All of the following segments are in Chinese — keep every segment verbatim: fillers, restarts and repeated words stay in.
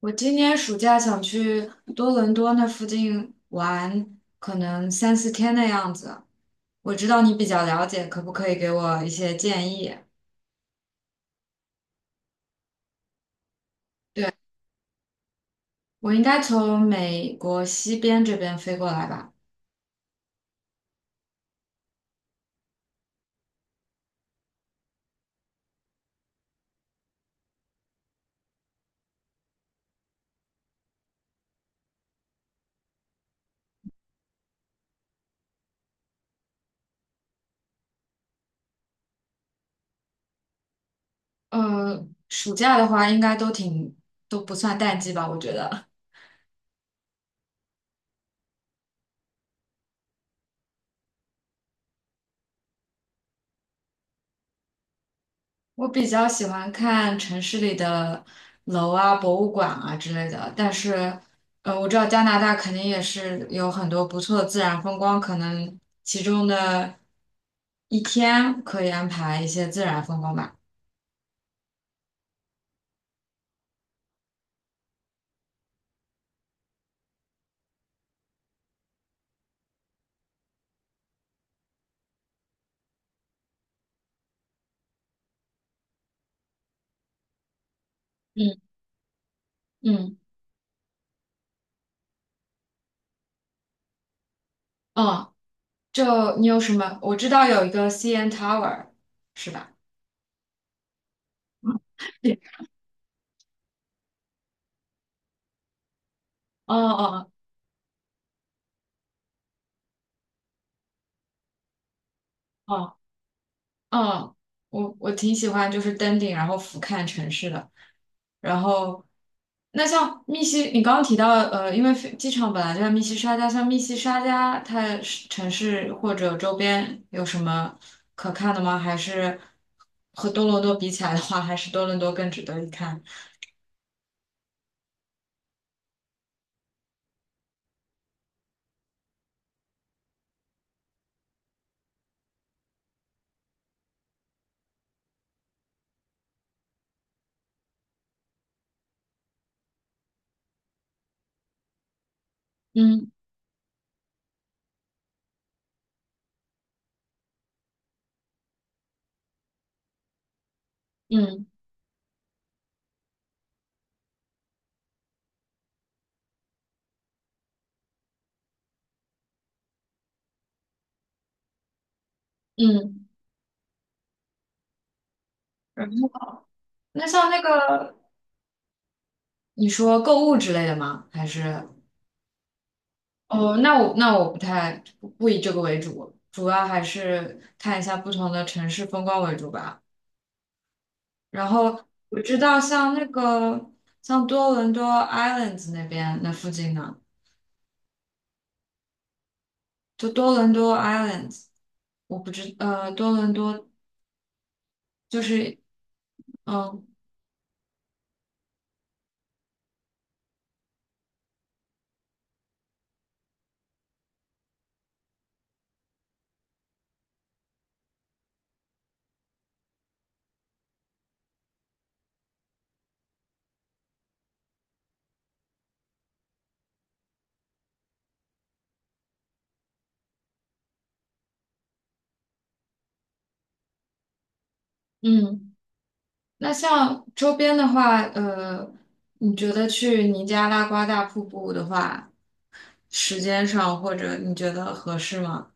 我今年暑假想去多伦多那附近玩，可能三四天的样子。我知道你比较了解，可不可以给我一些建议？我应该从美国西边这边飞过来吧？呃，暑假的话应该都挺，都不算淡季吧，我觉得。我比较喜欢看城市里的楼啊、博物馆啊之类的，但是，呃，我知道加拿大肯定也是有很多不错的自然风光，可能其中的一天可以安排一些自然风光吧。嗯嗯嗯，就你有什么？我知道有一个 C N Tower，是吧？对，哦哦哦哦，我我挺喜欢，就是登顶然后俯瞰城市的。然后，那像密西，你刚刚提到，呃，因为飞机场本来就在密西沙加，像密西沙加，它是城市或者周边有什么可看的吗？还是和多伦多比起来的话，还是多伦多更值得一看？嗯嗯嗯。然后，那像那个你说购物之类的吗？还是哦，那我那我不太不以这个为主，主要还是看一下不同的城市风光为主吧。然后我知道像那个像多伦多 Islands 那边那附近呢，就多伦多 Islands，我不知呃多伦多就是嗯嗯，那像周边的话，呃，你觉得去尼加拉瓜大瀑布的话，时间上或者你觉得合适吗？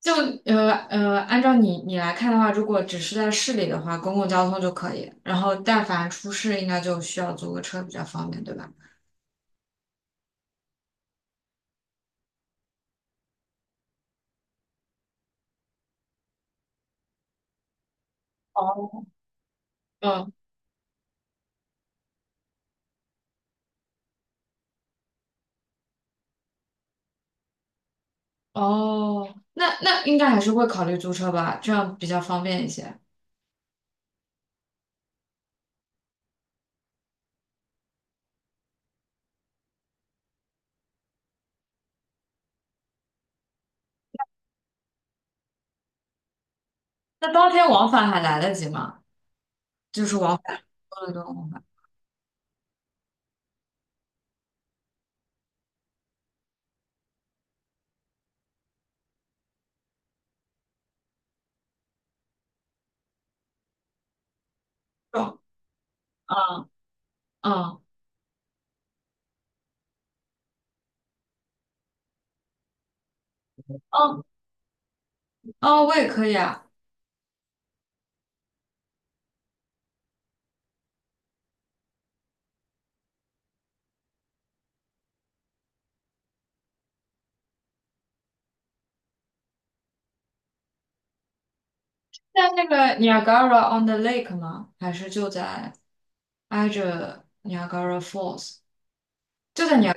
就呃呃，按照你你来看的话，如果只是在市里的话，公共交通就可以，然后但凡出市，应该就需要租个车比较方便，对吧？哦。嗯，哦，那那应该还是会考虑租车吧，这样比较方便一些。那当天往返还来得及吗？多伦多往返。哦，嗯嗯哦哦，我也可以啊，在那个 Niagara on the Lake 吗？还是就在挨着 Niagara Falls？就在尼亚，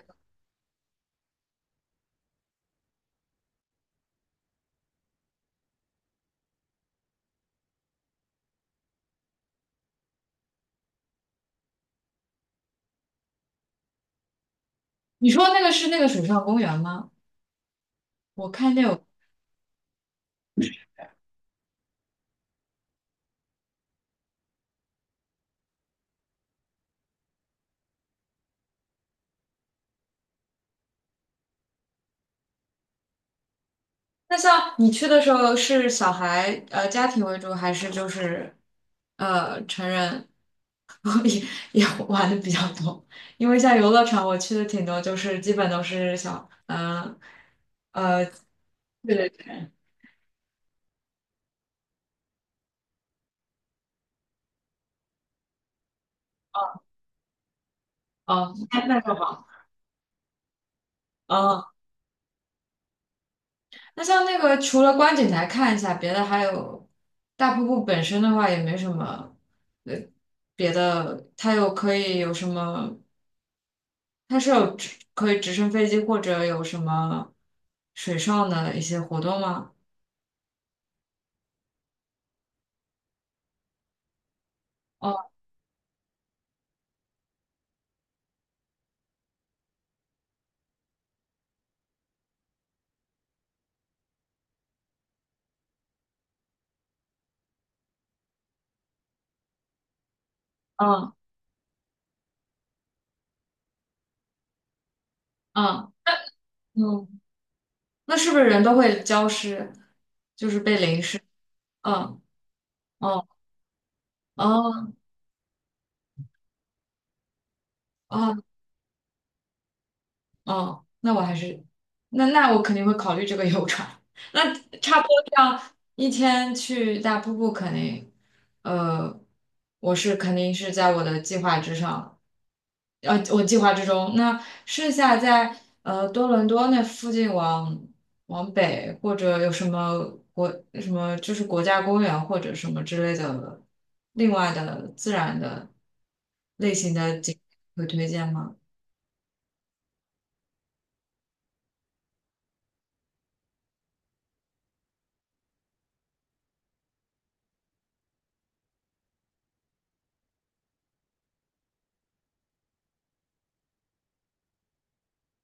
你说那个是那个水上公园吗？我看见有。那像你去的时候是小孩呃家庭为主，还是就是呃成人 也也玩的比较多？因为像游乐场我去的挺多，就是基本都是小嗯、呃对对对，哦，哦那那就好。哦，那像那个除了观景台看一下，别的还有大瀑布本身的话也没什么呃别的，它有可以有什么它是有直可以直升飞机或者有什么水上的一些活动吗？哦，嗯嗯嗯，那是不是人都会浇湿，就是被淋湿？嗯哦哦哦哦，那我还是那那我肯定会考虑这个游船。那差不多这样一天去大瀑布肯定，呃，我是肯定是在我的计划之上的。呃，我计划之中。那剩下在呃多伦多那附近往往北，或者有什么国什么就是国家公园或者什么之类的，另外的自然的类型的景会推荐吗？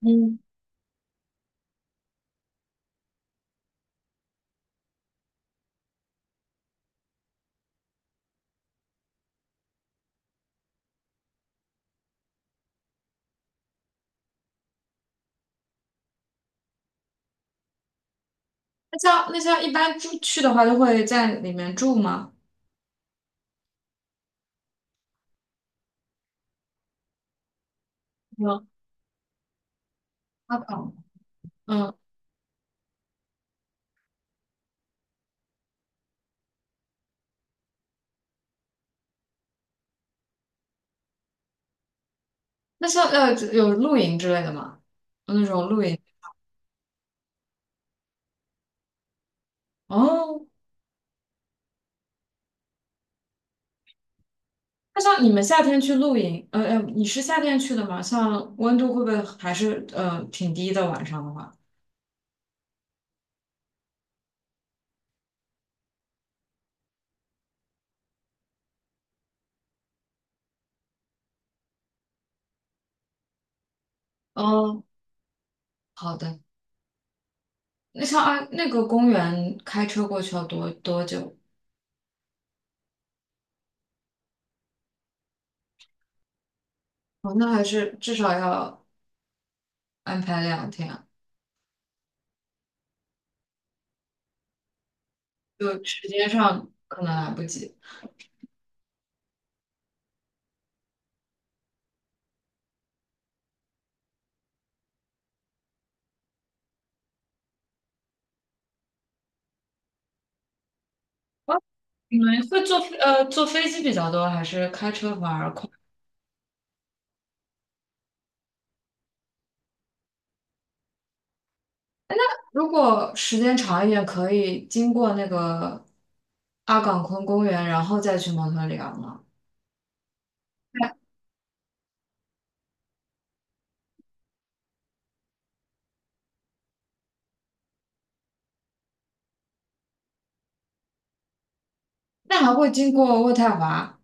嗯，那像那像一般住去的话，都会在里面住吗？有，阿嗯，那像呃有露营之类的吗？有那种露营哦，那像你们夏天去露营，呃呃，你是夏天去的吗？像温度会不会还是呃挺低的？晚上的话，哦，好的。那像啊，那个公园开车过去要多多久？哦，那还是至少要安排两天啊就时间上可能来不及。哦，你们会坐飞呃坐飞机比较多，还是开车反而快？如果时间长一点，可以经过那个阿岗昆公园，然后再去蒙特利尔吗？那还会经过渥太华？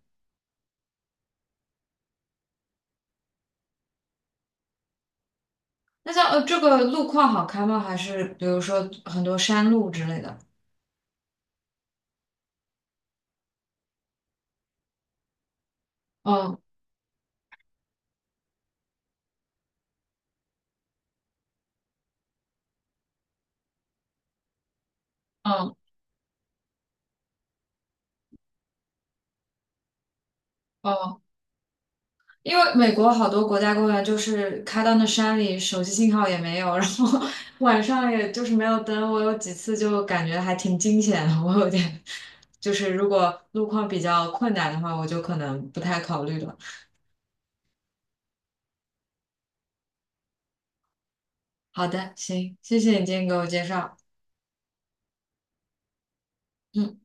那像呃，这个路况好开吗？还是比如说很多山路之类的？嗯嗯嗯，因为美国好多国家公园就是开到那山里，手机信号也没有，然后 晚上也就是没有灯。我有几次就感觉还挺惊险的，我有点就是如果路况比较困难的话，我就可能不太考虑了。好的，行，谢谢你今天给我介绍。嗯。